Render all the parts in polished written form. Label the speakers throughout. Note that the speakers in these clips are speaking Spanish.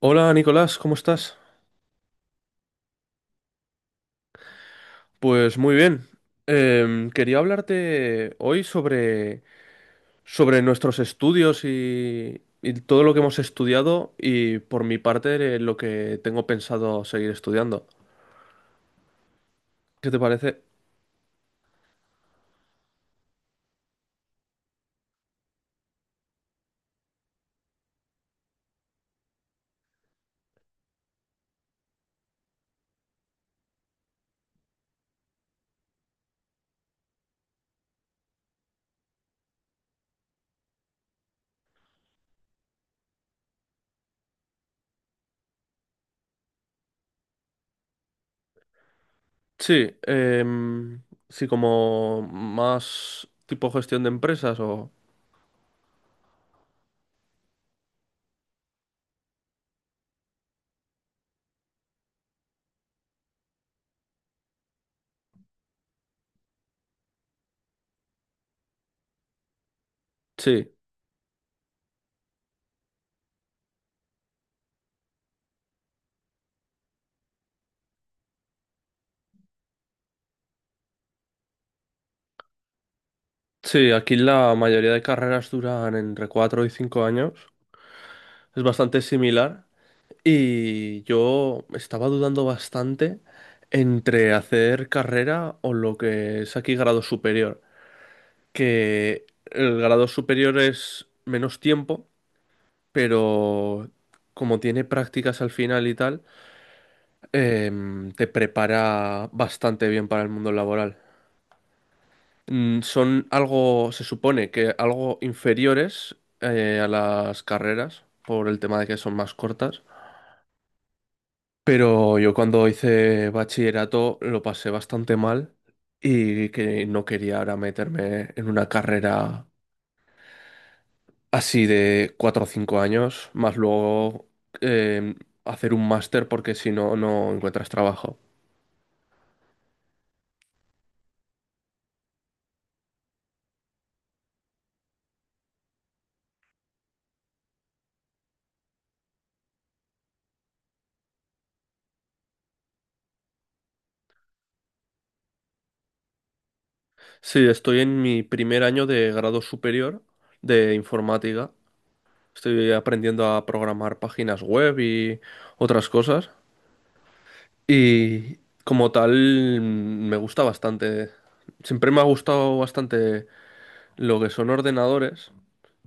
Speaker 1: Hola Nicolás, ¿cómo estás? Pues muy bien. Quería hablarte hoy sobre nuestros estudios y todo lo que hemos estudiado y por mi parte lo que tengo pensado seguir estudiando. ¿Qué te parece? Sí, sí, como más tipo gestión de empresas o... Sí, sí, aquí la mayoría de carreras duran entre 4 y 5 años. Es bastante similar. Y yo estaba dudando bastante entre hacer carrera o lo que es aquí grado superior, que el grado superior es menos tiempo, pero como tiene prácticas al final y tal, te prepara bastante bien para el mundo laboral. Mm, son algo, se supone que algo inferiores a las carreras por el tema de que son más cortas. Pero yo cuando hice bachillerato lo pasé bastante mal y que no quería ahora meterme en una carrera así de cuatro o cinco años, más luego eh, hacer un máster porque si no, no encuentras trabajo. Sí, estoy en mi primer año de grado superior de informática. Estoy aprendiendo a programar páginas web y otras cosas. Y como tal, me gusta bastante. Siempre me ha gustado bastante lo que son ordenadores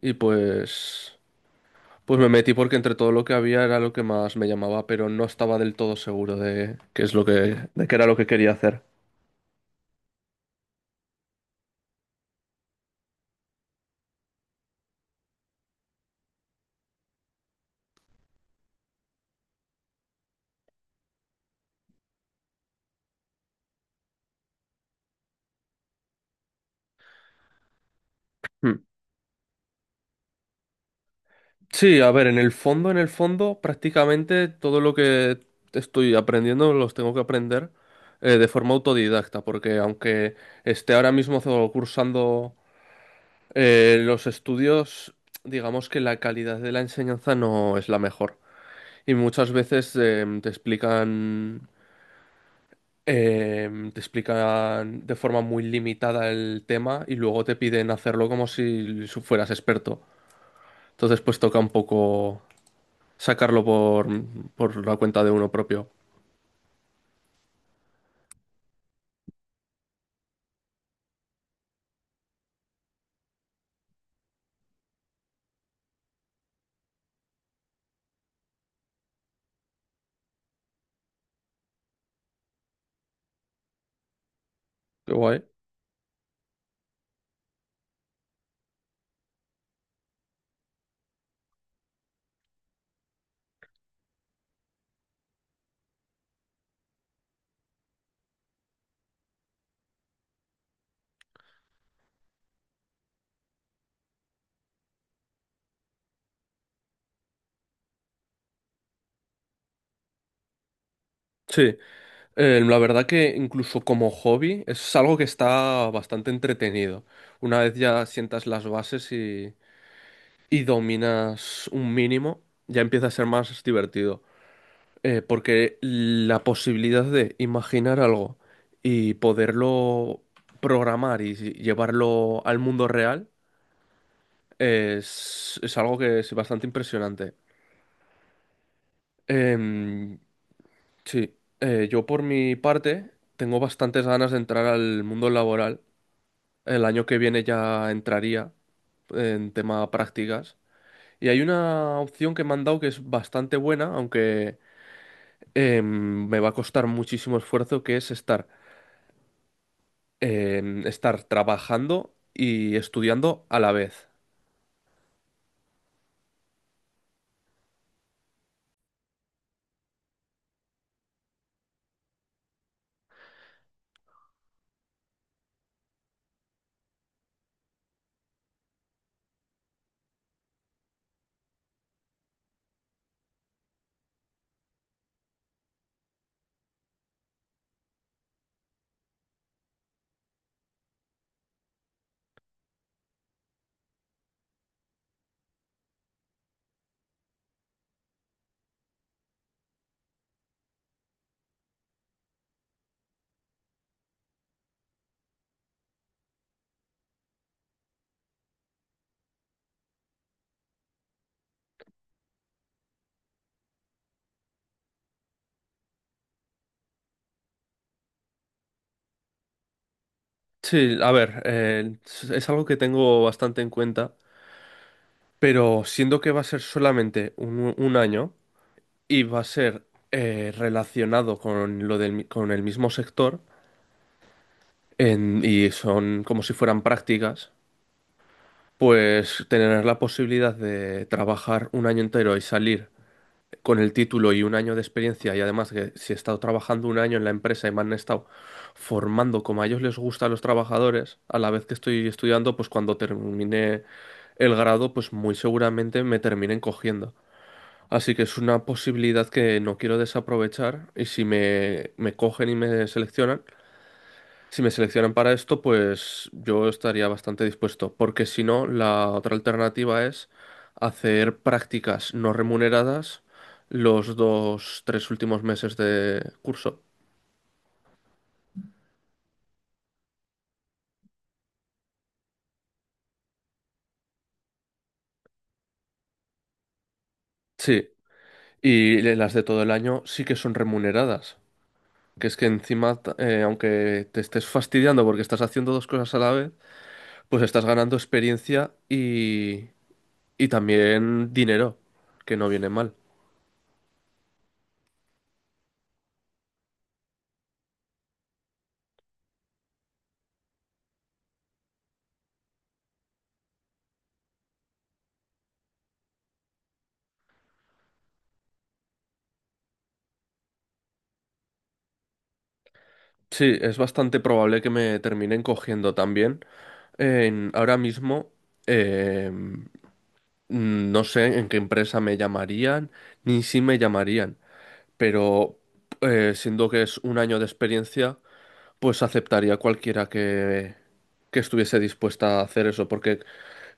Speaker 1: y pues me metí porque entre todo lo que había era lo que más me llamaba, pero no estaba del todo seguro de qué es lo que de qué era lo que quería hacer. Hmm. Sí, a ver, en el fondo, prácticamente todo lo que estoy aprendiendo los tengo que aprender de forma autodidacta, porque aunque esté ahora mismo cursando los estudios, digamos que la calidad de la enseñanza no es la mejor. Y muchas veces te explican de forma muy limitada el tema y luego te piden hacerlo como si fueras experto. Entonces, pues toca un poco sacarlo por la cuenta de uno propio. Qué guay. Sí, la verdad que incluso como hobby es algo que está bastante entretenido. Una vez ya sientas las bases y dominas un mínimo, ya empieza a ser más divertido. Porque la posibilidad de imaginar algo y poderlo programar y llevarlo al mundo real es algo que es bastante impresionante. Em, sí, yo por mi parte tengo bastantes ganas de entrar al mundo laboral. El año que viene ya entraría en tema prácticas. Y hay una opción que me han dado que es bastante buena, aunque me va a costar muchísimo esfuerzo, que es estar trabajando y estudiando a la vez. Sí, a ver, es algo que tengo bastante en cuenta, pero siendo que va a ser solamente un año y va a ser relacionado con lo con el mismo sector y son como si fueran prácticas, pues tener la posibilidad de trabajar un año entero y salir con el título y un año de experiencia y además que si he estado trabajando un año en la empresa y me han estado formando como a ellos les gusta a los trabajadores, a la vez que estoy estudiando, pues cuando termine el grado, pues muy seguramente me terminen cogiendo. Así que es una posibilidad que no quiero desaprovechar y si me cogen y me seleccionan, si me seleccionan para esto, pues yo estaría bastante dispuesto, porque si no, la otra alternativa es hacer prácticas no remuneradas los dos, tres últimos meses de curso. Sí, y las de todo el año sí que son remuneradas. Que es que encima, aunque te estés fastidiando porque estás haciendo dos cosas a la vez, pues estás ganando experiencia y también dinero, que no viene mal. Sí, es bastante probable que me terminen cogiendo también. Ahora mismo eh, no sé en qué empresa me llamarían, ni si me llamarían, pero siendo que es un año de experiencia, pues aceptaría cualquiera que estuviese dispuesta a hacer eso, porque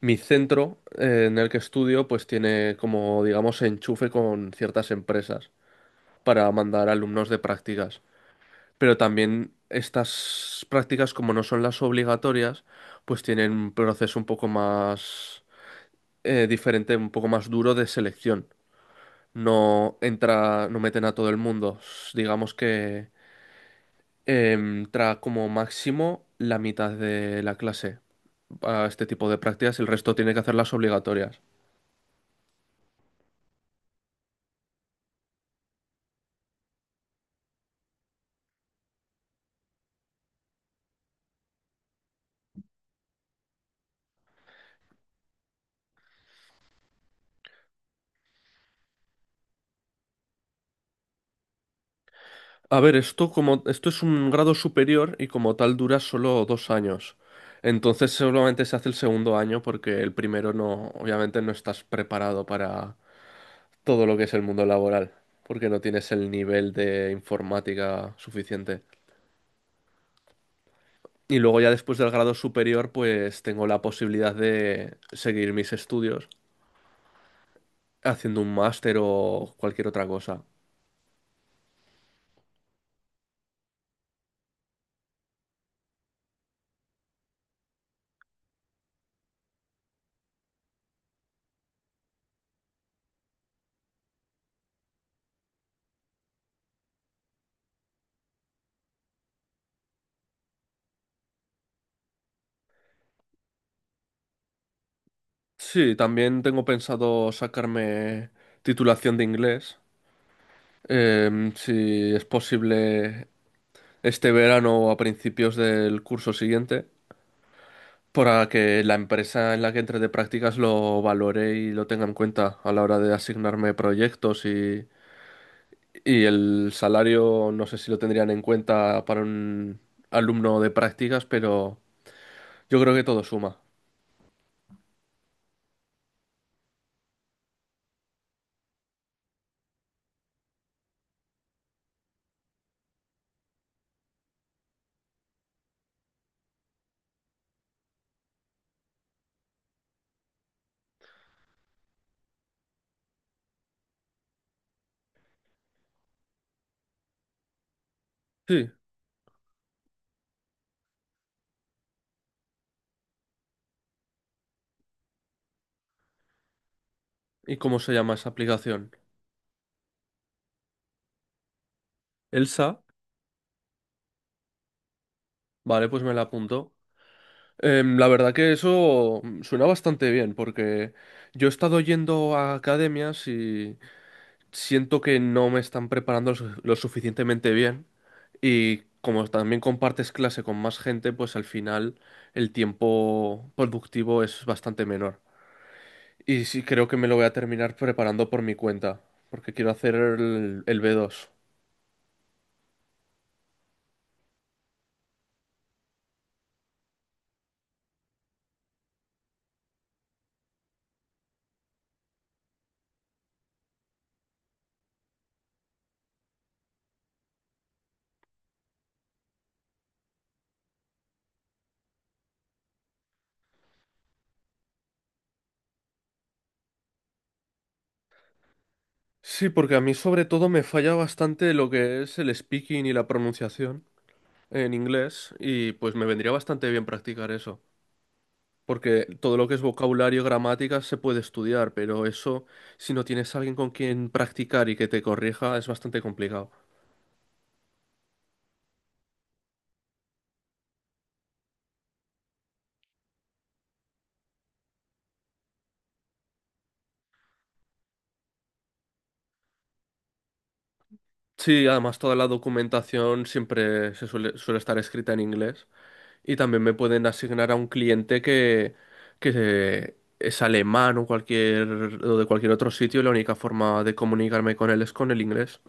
Speaker 1: mi centro en el que estudio pues tiene como digamos enchufe con ciertas empresas para mandar alumnos de prácticas, pero también estas prácticas, como no son las obligatorias, pues tienen un proceso un poco más diferente, un poco más duro de selección. No meten a todo el mundo. Digamos que entra como máximo la mitad de la clase a este tipo de prácticas, el resto tiene que hacer las obligatorias. A ver, esto como esto es un grado superior y como tal dura solo dos años. Entonces solamente se hace el segundo año porque el primero no, obviamente no estás preparado para todo lo que es el mundo laboral, porque no tienes el nivel de informática suficiente. Y luego ya después del grado superior, pues tengo la posibilidad de seguir mis estudios haciendo un máster o cualquier otra cosa. Sí, también tengo pensado sacarme titulación de inglés. Si es posible este verano o a principios del curso siguiente, para que la empresa en la que entre de prácticas lo valore y lo tenga en cuenta a la hora de asignarme proyectos y el salario, no sé si lo tendrían en cuenta para un alumno de prácticas, pero yo creo que todo suma. Sí, ¿y cómo se llama esa aplicación? Elsa, vale, pues me la apunto. La verdad que eso suena bastante bien, porque yo he estado yendo a academias y siento que no me están preparando lo suficientemente bien. Y como también compartes clase con más gente, pues al final el tiempo productivo es bastante menor. Y sí creo que me lo voy a terminar preparando por mi cuenta, porque quiero hacer el B2. Sí, porque a mí sobre todo me falla bastante lo que es el speaking y la pronunciación en inglés y pues me vendría bastante bien practicar eso, porque todo lo que es vocabulario, gramática se puede estudiar, pero eso, si no tienes alguien con quien practicar y que te corrija, es bastante complicado. Sí, además toda la documentación siempre suele estar escrita en inglés y también me pueden asignar a un cliente que es alemán o cualquier o de cualquier otro sitio y la única forma de comunicarme con él es con el inglés.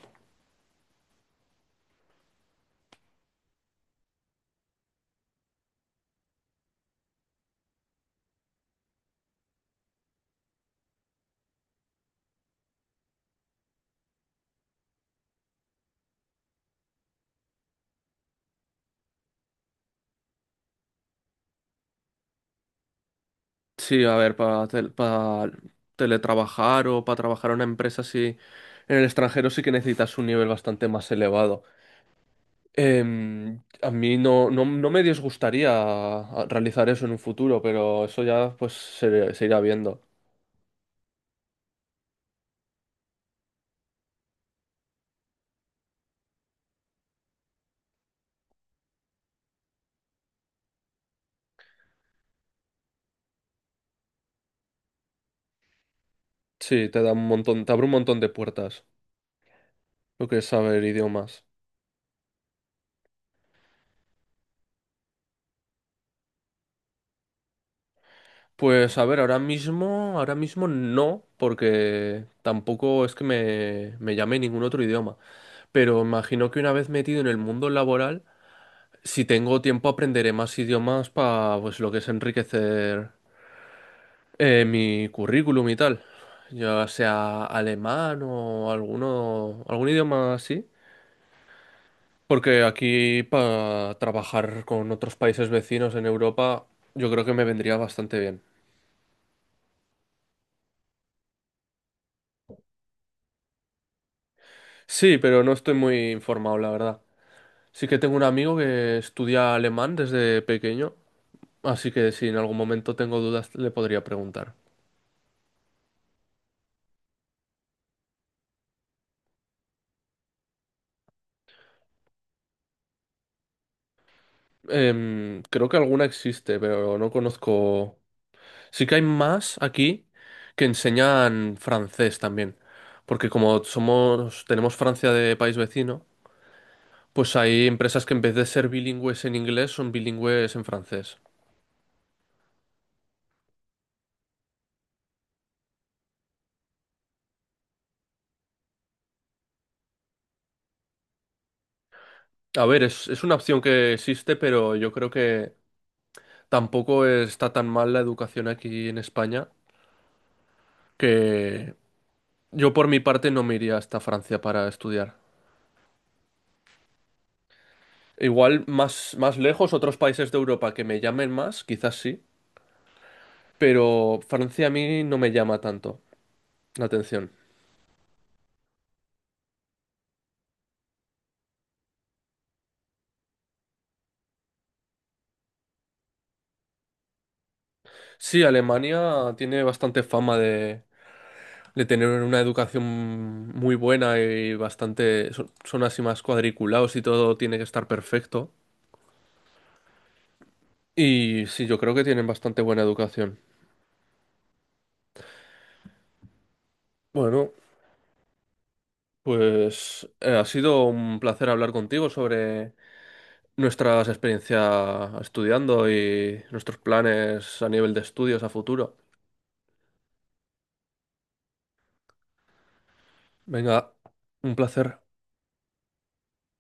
Speaker 1: Sí, a ver, para teletrabajar o para trabajar en una empresa así en el extranjero sí que necesitas un nivel bastante más elevado. Em, a mí no me disgustaría realizar eso en un futuro, pero eso ya pues se irá viendo. Sí, te da un montón, te abre un montón de puertas lo que es saber idiomas. Pues a ver, ahora mismo no, porque tampoco es que me llame ningún otro idioma. Pero imagino que una vez metido en el mundo laboral, si tengo tiempo aprenderé más idiomas para pues lo que es enriquecer mi currículum y tal. Ya sea alemán o algún idioma así. Porque aquí para trabajar con otros países vecinos en Europa yo creo que me vendría bastante bien. Sí, pero no estoy muy informado, la verdad. Sí que tengo un amigo que estudia alemán desde pequeño, así que si en algún momento tengo dudas le podría preguntar. Em, creo que alguna existe, pero no conozco. Sí que hay más aquí que enseñan francés también, porque como somos, tenemos Francia de país vecino, pues hay empresas que en vez de ser bilingües en inglés son bilingües en francés. A ver, es una opción que existe, pero yo creo que tampoco está tan mal la educación aquí en España, que yo por mi parte no me iría hasta Francia para estudiar. Igual más lejos, otros países de Europa que me llamen más, quizás sí, pero Francia a mí no me llama tanto la atención. Sí, Alemania tiene bastante fama de tener una educación muy buena y bastante... son así más cuadriculados y todo tiene que estar perfecto. Y sí, yo creo que tienen bastante buena educación. Bueno, pues ha sido un placer hablar contigo sobre nuestras experiencias estudiando y nuestros planes a nivel de estudios a futuro. Venga, un placer.